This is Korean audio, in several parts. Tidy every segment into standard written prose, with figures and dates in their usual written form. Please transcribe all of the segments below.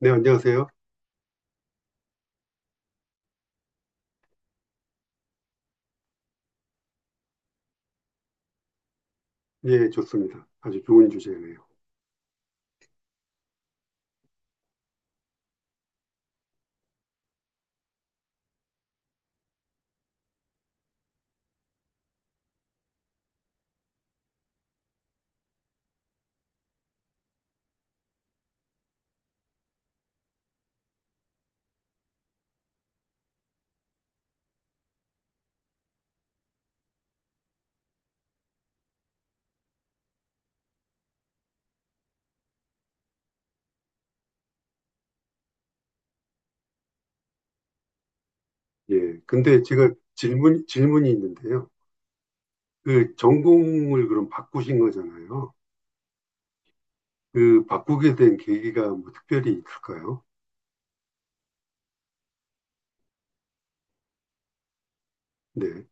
네, 안녕하세요. 예, 좋습니다. 아주 좋은 주제네요. 예, 근데 제가 질문이 있는데요. 그 전공을 그럼 바꾸신 거잖아요. 그 바꾸게 된 계기가 뭐 특별히 있을까요? 네,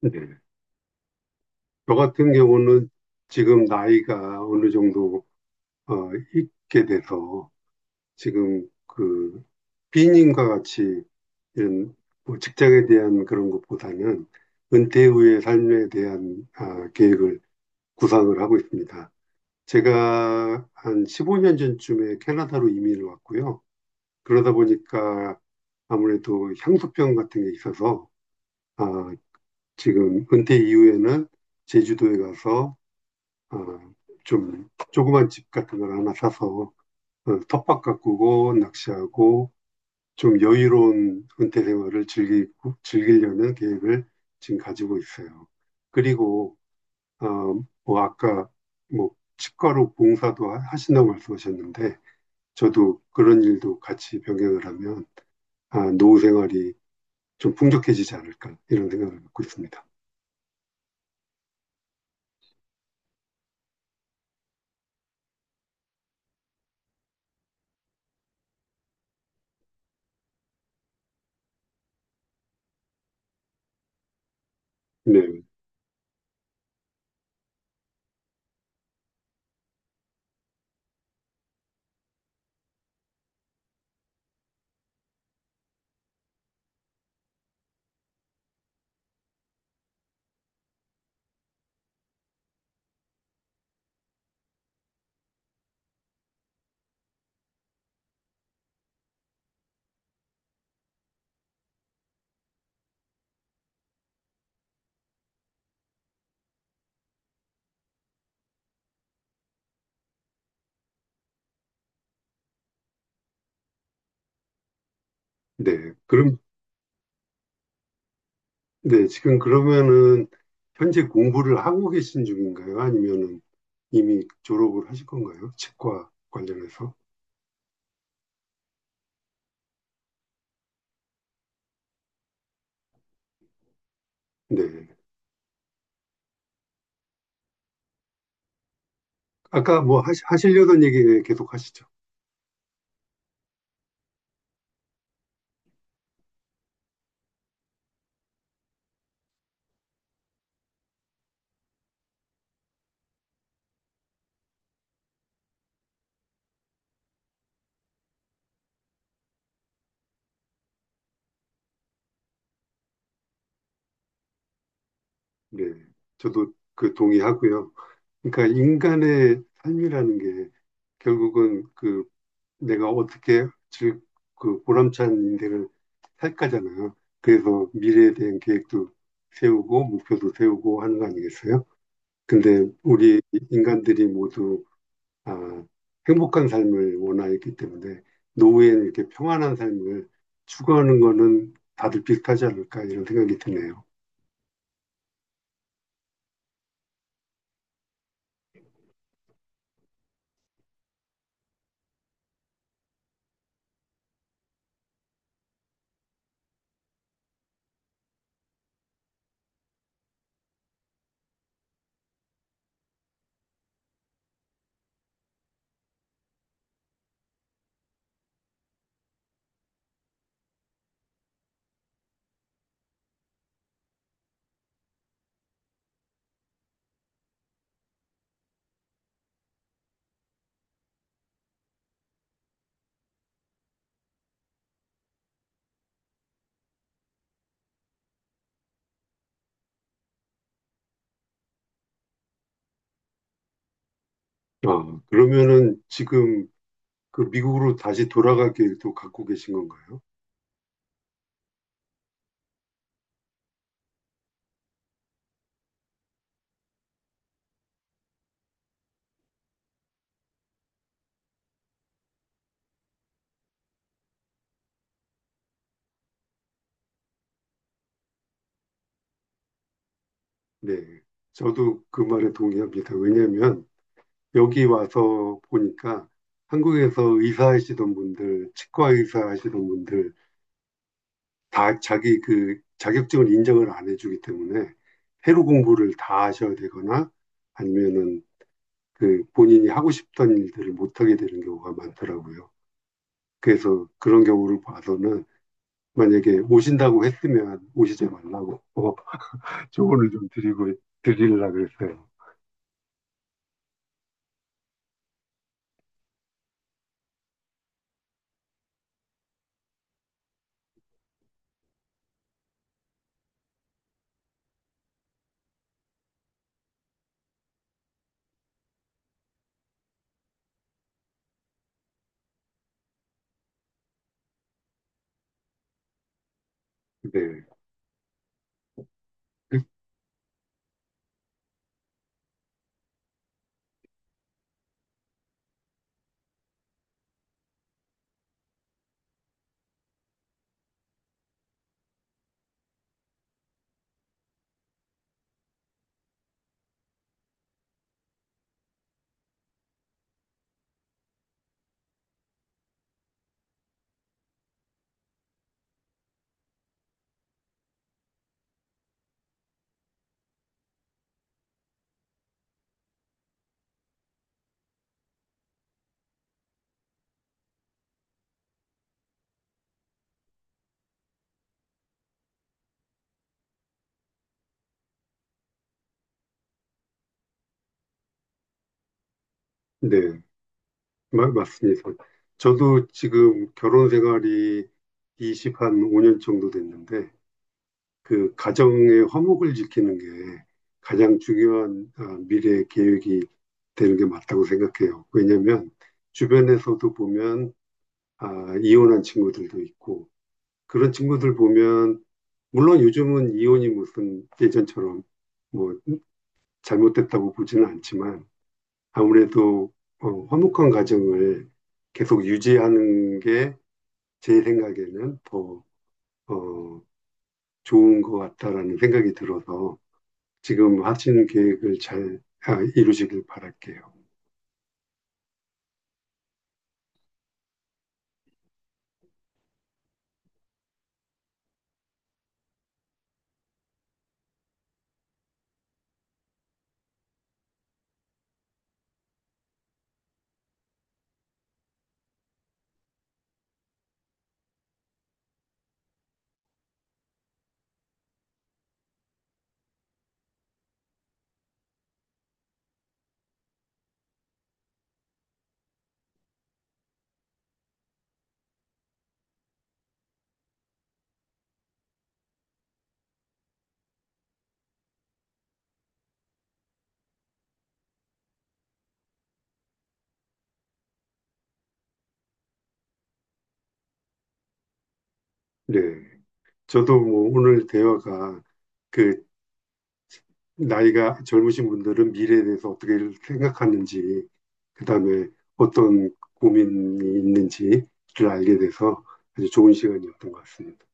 네. 저 같은 경우는 지금 나이가 어느 정도 있게 돼서 지금 그 B님과 같이 이런 뭐 직장에 대한 그런 것보다는 은퇴 후의 삶에 대한 아, 계획을 구상을 하고 있습니다. 제가 한 15년 전쯤에 캐나다로 이민을 왔고요. 그러다 보니까 아무래도 향수병 같은 게 있어서 아, 지금 은퇴 이후에는 제주도에 가서 아, 좀 조그만 집 같은 걸 하나 사서 텃밭 가꾸고 낚시하고 좀 여유로운 은퇴 생활을 즐기고 즐기려는 계획을 지금 가지고 있어요. 그리고 어, 뭐 아까 뭐 치과로 하신다고 말씀하셨는데 저도 그런 일도 같이 병행을 하면 아, 노후 생활이 좀 풍족해지지 않을까 이런 생각을 갖고 있습니다. 네, 네. 그럼 네 지금 그러면은 현재 공부를 하고 계신 중인가요? 아니면은 이미 졸업을 하실 건가요? 치과 관련해서? 네. 아까 뭐 하시려던 얘기 계속 하시죠. 네. 저도 그 동의하고요. 그러니까 인간의 삶이라는 게 결국은 그 내가 어떻게 즐, 그 보람찬 인생을 살까잖아요. 그래서 미래에 대한 계획도 세우고 목표도 세우고 하는 거 아니겠어요? 근데 우리 인간들이 모두 아, 행복한 삶을 원하기 때문에 노후에는 이렇게 평안한 삶을 추구하는 거는 다들 비슷하지 않을까 이런 생각이 드네요. 아, 그러면은 지금 그 미국으로 다시 돌아갈 계획도 갖고 계신 건가요? 네. 저도 그 말에 동의합니다. 왜냐하면 여기 와서 보니까 한국에서 의사 하시던 분들, 치과 의사 하시던 분들 다 자기 그 자격증을 인정을 안 해주기 때문에 해로 공부를 다 하셔야 되거나 아니면은 그 본인이 하고 싶던 일들을 못하게 되는 경우가 많더라고요. 그래서 그런 경우를 봐서는 만약에 오신다고 했으면 오시지 말라고 조언을 좀 드리고 드리려고 했어요. 네. 네. 맞습니다. 저도 지금 결혼 생활이 20, 한 5년 정도 됐는데, 그 가정의 화목을 지키는 게 가장 중요한 아, 미래 계획이 되는 게 맞다고 생각해요. 왜냐면 하 주변에서도 보면 아, 이혼한 친구들도 있고, 그런 친구들 보면, 물론 요즘은 이혼이 무슨 예전처럼 뭐 잘못됐다고 보지는 않지만, 아무래도 화목한 가정을 계속 유지하는 게 제 생각에는 더 어, 좋은 것 같다라는 생각이 들어서 지금 하시는 계획을 잘 아, 이루시길 바랄게요. 네. 저도 뭐 오늘 대화가 그 나이가 젊으신 분들은 미래에 대해서 어떻게 생각하는지, 그다음에 어떤 고민이 있는지를 알게 돼서 아주 좋은 시간이었던 것 같습니다.